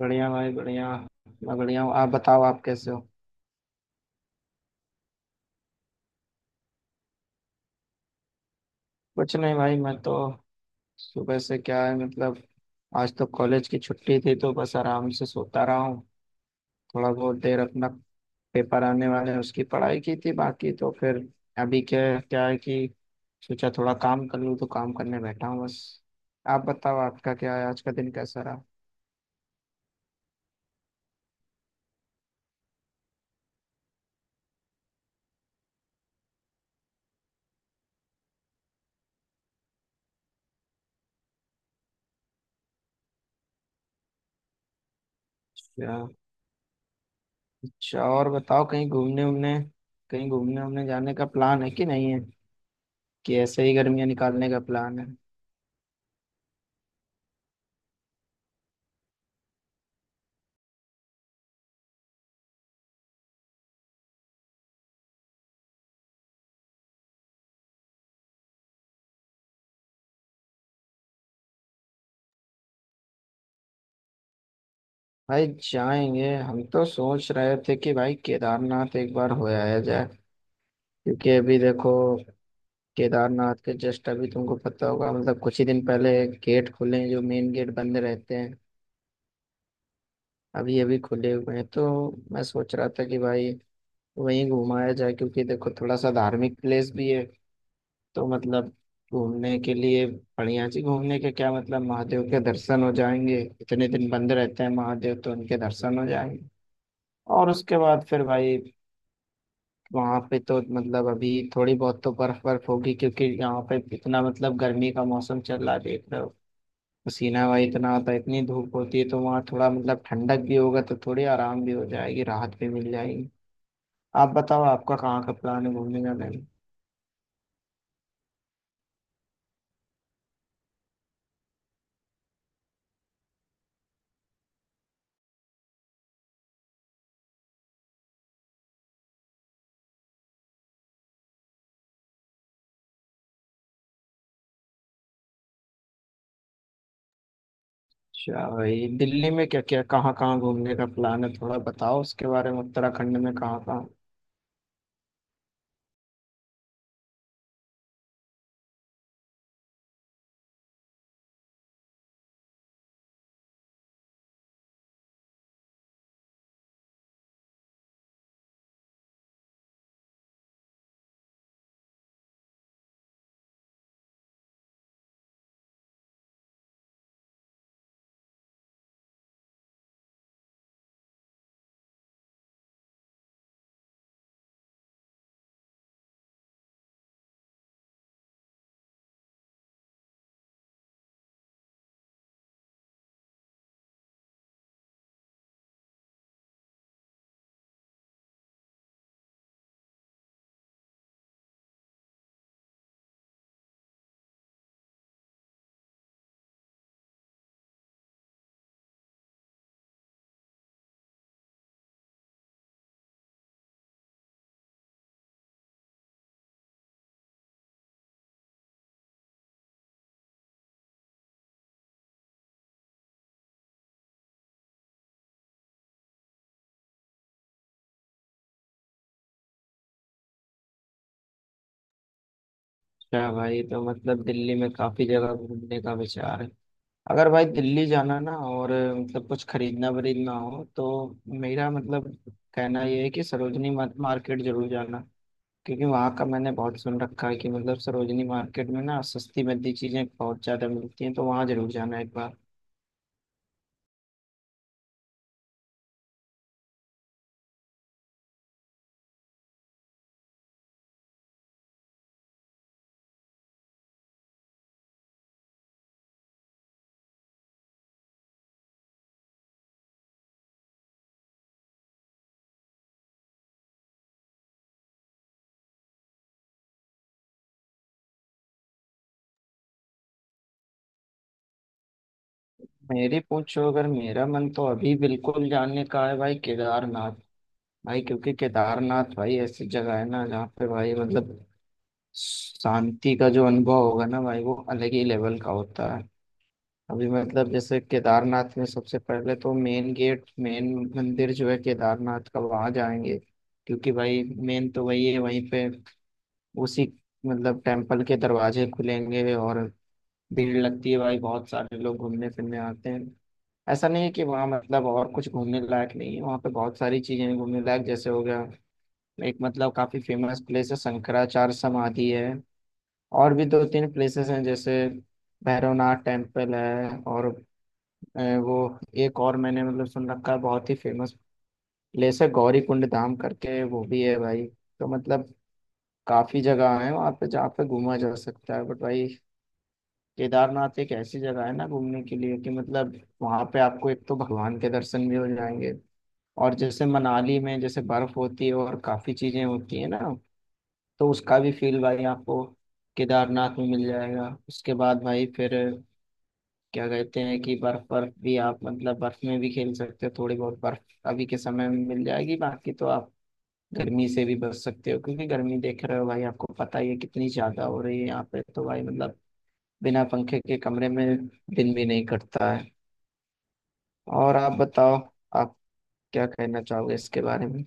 बढ़िया भाई बढ़िया। मैं बढ़िया हूँ, आप बताओ आप कैसे हो। कुछ नहीं भाई, मैं तो सुबह से क्या है मतलब आज तो कॉलेज की छुट्टी थी तो बस आराम से सोता रहा हूँ। थोड़ा बहुत देर अपना पेपर आने वाले हैं उसकी पढ़ाई की थी, बाकी तो फिर अभी क्या क्या है कि सोचा थोड़ा काम कर लूँ तो काम करने बैठा हूँ बस। आप बताओ आपका क्या है, आज का दिन कैसा रहा। अच्छा। अच्छा, और बताओ कहीं घूमने उमने जाने का प्लान है कि नहीं है, कि ऐसे ही गर्मियाँ निकालने का प्लान है। भाई जाएंगे, हम तो सोच रहे थे कि भाई केदारनाथ एक बार हो आया जाए। क्योंकि अभी देखो केदारनाथ के जस्ट अभी तुमको पता होगा मतलब कुछ ही दिन पहले गेट खुले हैं जो मेन गेट बंद रहते हैं। अभी अभी खुले हुए हैं तो मैं सोच रहा था कि भाई वहीं घुमाया जाए क्योंकि देखो थोड़ा सा धार्मिक प्लेस भी है तो मतलब घूमने के लिए बढ़िया जी। घूमने के क्या मतलब, महादेव के दर्शन हो जाएंगे, इतने दिन बंद रहते हैं महादेव तो उनके दर्शन हो जाएंगे। और उसके बाद फिर भाई वहां पे तो मतलब अभी थोड़ी बहुत तो बर्फ बर्फ होगी क्योंकि यहाँ पे इतना मतलब गर्मी का मौसम चल रहा है देख रहे हो। पसीना भाई इतना आता है, इतनी धूप होती है तो वहाँ थोड़ा मतलब ठंडक भी होगा तो थोड़ी आराम भी हो जाएगी, राहत भी मिल जाएगी। आप बताओ आपका कहाँ का प्लान है घूमने का, नहीं। अच्छा भाई, दिल्ली में क्या क्या कहाँ कहाँ घूमने का प्लान है थोड़ा बताओ उसके बारे में, उत्तराखंड में कहाँ कहाँ। अच्छा भाई, तो मतलब दिल्ली में काफी जगह घूमने का विचार है। अगर भाई दिल्ली जाना ना और मतलब कुछ खरीदना वरीदना हो तो मेरा मतलब कहना ये है कि सरोजनी मार्केट जरूर जाना। क्योंकि वहाँ का मैंने बहुत सुन रखा है कि मतलब सरोजनी मार्केट में ना सस्ती मद्दी चीजें बहुत ज्यादा मिलती हैं तो वहाँ जरूर जाना एक बार। मेरी पूछो अगर मेरा मन तो अभी बिल्कुल जाने का है भाई, केदारनाथ भाई। क्योंकि केदारनाथ भाई ऐसी जगह है ना जहाँ पे भाई मतलब शांति का जो अनुभव होगा ना भाई वो अलग ही लेवल का होता है। अभी मतलब जैसे केदारनाथ में सबसे पहले तो मेन गेट, मेन मंदिर जो है केदारनाथ का वहाँ जाएंगे, क्योंकि भाई मेन तो वही है। वहीं पे उसी मतलब टेम्पल के दरवाजे खुलेंगे और भीड़ लगती है भाई, बहुत सारे लोग घूमने फिरने आते हैं। ऐसा नहीं है कि वहाँ मतलब और कुछ घूमने लायक नहीं है, वहाँ पे बहुत सारी चीजें हैं घूमने लायक। जैसे हो गया, एक मतलब काफी फेमस प्लेस है शंकराचार्य समाधि है, और भी दो तीन प्लेसेस हैं जैसे भैरवनाथ टेम्पल है और अ, वो एक और मैंने मतलब सुन रखा है बहुत ही फेमस प्लेस है गौरी कुंड धाम करके, वो भी है भाई। तो मतलब काफी जगह है वहाँ पे जहाँ पे घूमा जा सकता है बट भाई केदारनाथ एक ऐसी जगह है ना घूमने के लिए कि मतलब वहाँ पे आपको एक तो भगवान के दर्शन भी हो जाएंगे। और जैसे मनाली में जैसे बर्फ होती है और काफी चीजें होती है ना, तो उसका भी फील भाई आपको केदारनाथ में मिल जाएगा। उसके बाद भाई फिर क्या कहते हैं कि बर्फ बर्फ भी आप मतलब बर्फ में भी खेल सकते हो, थोड़ी बहुत बर्फ अभी के समय में मिल जाएगी। बाकी तो आप गर्मी से भी बच सकते हो क्योंकि गर्मी देख रहे हो भाई आपको पता ही है कितनी ज्यादा हो रही है यहाँ पे तो भाई मतलब बिना पंखे के कमरे में दिन भी नहीं कटता है। और आप बताओ, आप क्या कहना चाहोगे इसके बारे में।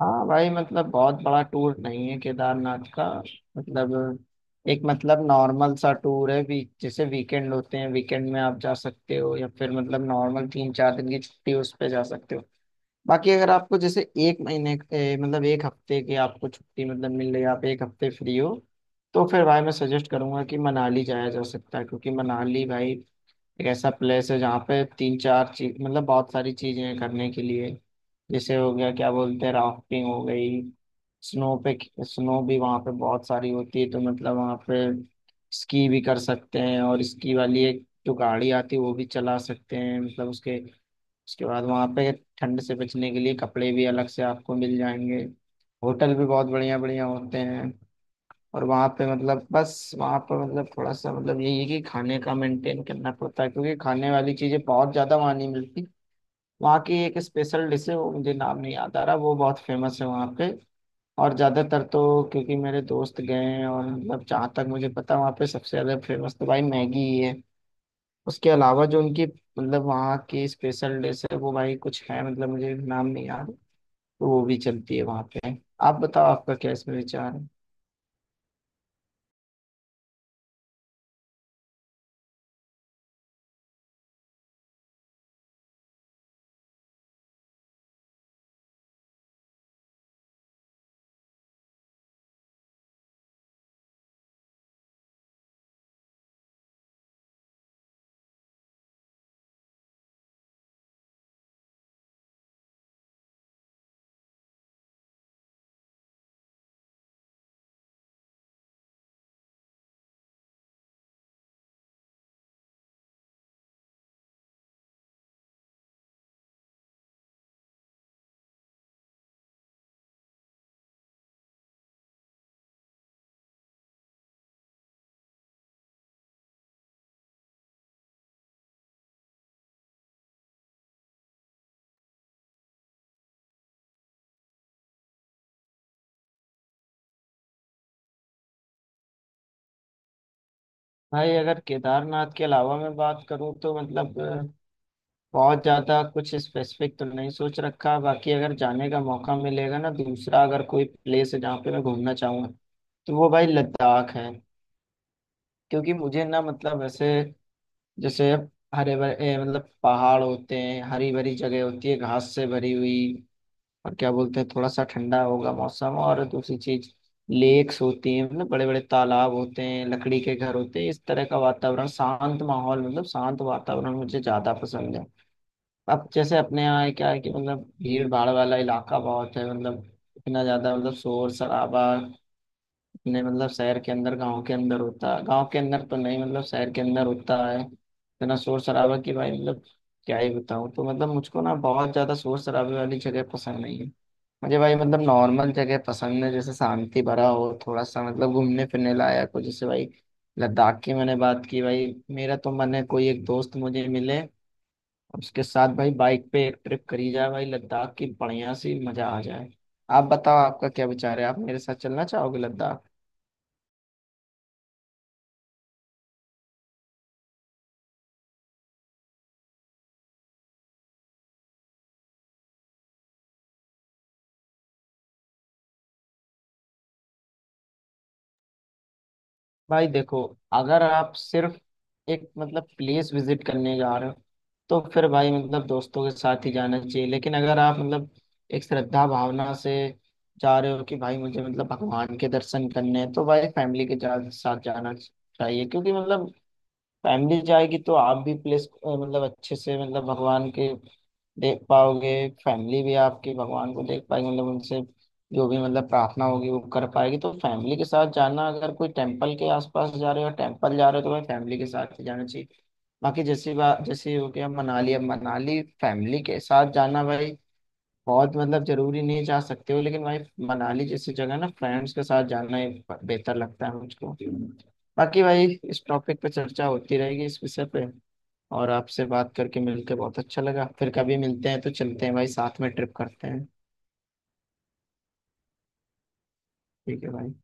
हाँ भाई मतलब बहुत बड़ा टूर नहीं है केदारनाथ का, मतलब एक मतलब नॉर्मल सा टूर है। वीक जैसे वीकेंड होते हैं, वीकेंड में आप जा सकते हो या फिर मतलब नॉर्मल तीन चार दिन की छुट्टी उस पे जा सकते हो। बाकी अगर आपको जैसे एक महीने मतलब एक हफ्ते की आपको छुट्टी मतलब मिल रही है, आप एक हफ्ते फ्री हो, तो फिर भाई मैं सजेस्ट करूंगा कि मनाली जाया जा सकता है। क्योंकि मनाली भाई एक ऐसा प्लेस है जहाँ पे तीन चार चीज मतलब बहुत सारी चीजें हैं करने के लिए। जैसे हो गया क्या बोलते हैं राफ्टिंग हो गई, स्नो पे स्नो भी वहाँ पे बहुत सारी होती है तो मतलब वहाँ पे स्की भी कर सकते हैं। और स्की वाली एक जो गाड़ी आती है वो भी चला सकते हैं मतलब उसके उसके बाद वहाँ पे ठंड से बचने के लिए कपड़े भी अलग से आपको मिल जाएंगे। होटल भी बहुत बढ़िया बढ़िया होते हैं। और वहाँ पे मतलब बस वहाँ पे मतलब थोड़ा सा मतलब यही है कि खाने का मेंटेन करना पड़ता है क्योंकि खाने वाली चीज़ें बहुत ज़्यादा वहाँ नहीं मिलती। वहाँ की एक स्पेशल डिश है वो मुझे नाम नहीं याद आ रहा, वो बहुत फेमस है वहाँ पे। और ज़्यादातर तो क्योंकि मेरे दोस्त गए हैं और मतलब जहाँ तक मुझे पता है वहाँ पे सबसे ज़्यादा फेमस तो भाई मैगी ही है। उसके अलावा जो उनकी मतलब वहाँ की स्पेशल डिश है वो भाई कुछ है मतलब मुझे नाम नहीं याद। तो वो भी चलती है वहाँ पे। आप बताओ आपका क्या इसमें विचार है। भाई अगर केदारनाथ के अलावा मैं बात करूँ तो मतलब बहुत ज़्यादा कुछ स्पेसिफिक तो नहीं सोच रखा। बाकी अगर जाने का मौका मिलेगा ना, दूसरा अगर कोई प्लेस है जहाँ पे मैं घूमना चाहूँगा तो वो भाई लद्दाख है। क्योंकि मुझे ना मतलब ऐसे जैसे हरे भरे मतलब पहाड़ होते हैं, हरी भरी जगह होती है घास से भरी हुई। और क्या बोलते हैं थोड़ा सा ठंडा होगा मौसम, और दूसरी चीज लेक्स होती हैं मतलब बड़े बड़े तालाब होते हैं, लकड़ी के घर होते हैं। इस तरह का वातावरण, शांत माहौल मतलब शांत वातावरण मुझे ज्यादा पसंद है। अब जैसे अपने यहाँ है क्या है कि मतलब भीड़ भाड़ वाला इलाका बहुत है, मतलब इतना ज्यादा मतलब शोर शराबा। नहीं मतलब शहर के अंदर, गांव के अंदर होता है, गांव के अंदर तो नहीं मतलब शहर के अंदर होता है इतना शोर शराबा की भाई मतलब क्या ही बताऊँ। तो मतलब मुझको ना बहुत ज्यादा शोर शराबे वाली जगह पसंद नहीं है। मुझे भाई मतलब नॉर्मल जगह पसंद है, जैसे शांति भरा हो थोड़ा सा मतलब घूमने फिरने लायक हो। जैसे भाई लद्दाख की मैंने बात की भाई, मेरा तो मन है कोई एक दोस्त मुझे मिले, उसके साथ भाई बाइक पे एक ट्रिप करी जाए भाई लद्दाख की, बढ़िया सी मजा आ जाए। आप बताओ आपका क्या विचार है, आप मेरे साथ चलना चाहोगे लद्दाख। भाई देखो, अगर आप सिर्फ एक मतलब प्लेस विजिट करने जा रहे हो तो फिर भाई मतलब दोस्तों के साथ ही जाना चाहिए। लेकिन अगर आप मतलब एक श्रद्धा भावना से जा रहे हो कि भाई मुझे मतलब भगवान के दर्शन करने हैं तो भाई फैमिली के साथ जाना चाहिए। क्योंकि मतलब फैमिली जाएगी तो आप भी प्लेस मतलब अच्छे से मतलब भगवान के देख पाओगे। फैमिली भी आपकी भगवान को देख पाएगी मतलब उनसे जो भी मतलब प्रार्थना होगी वो कर पाएगी। तो फैमिली के साथ जाना, अगर कोई टेम्पल के आसपास जा रहे हो टेम्पल जा रहे हो तो भाई फैमिली के साथ ही जाना चाहिए। बाकी जैसी बात, जैसे हो गया मनाली, अब मनाली फैमिली के साथ जाना भाई बहुत मतलब जरूरी नहीं, जा सकते हो लेकिन भाई मनाली जैसी जगह ना फ्रेंड्स के साथ जाना ही बेहतर लगता है मुझको। बाकी भाई इस टॉपिक पे चर्चा होती रहेगी इस विषय पे, और आपसे बात करके मिलके बहुत अच्छा लगा, फिर कभी मिलते हैं। तो चलते हैं भाई, साथ में ट्रिप करते हैं। ठीक है भाई।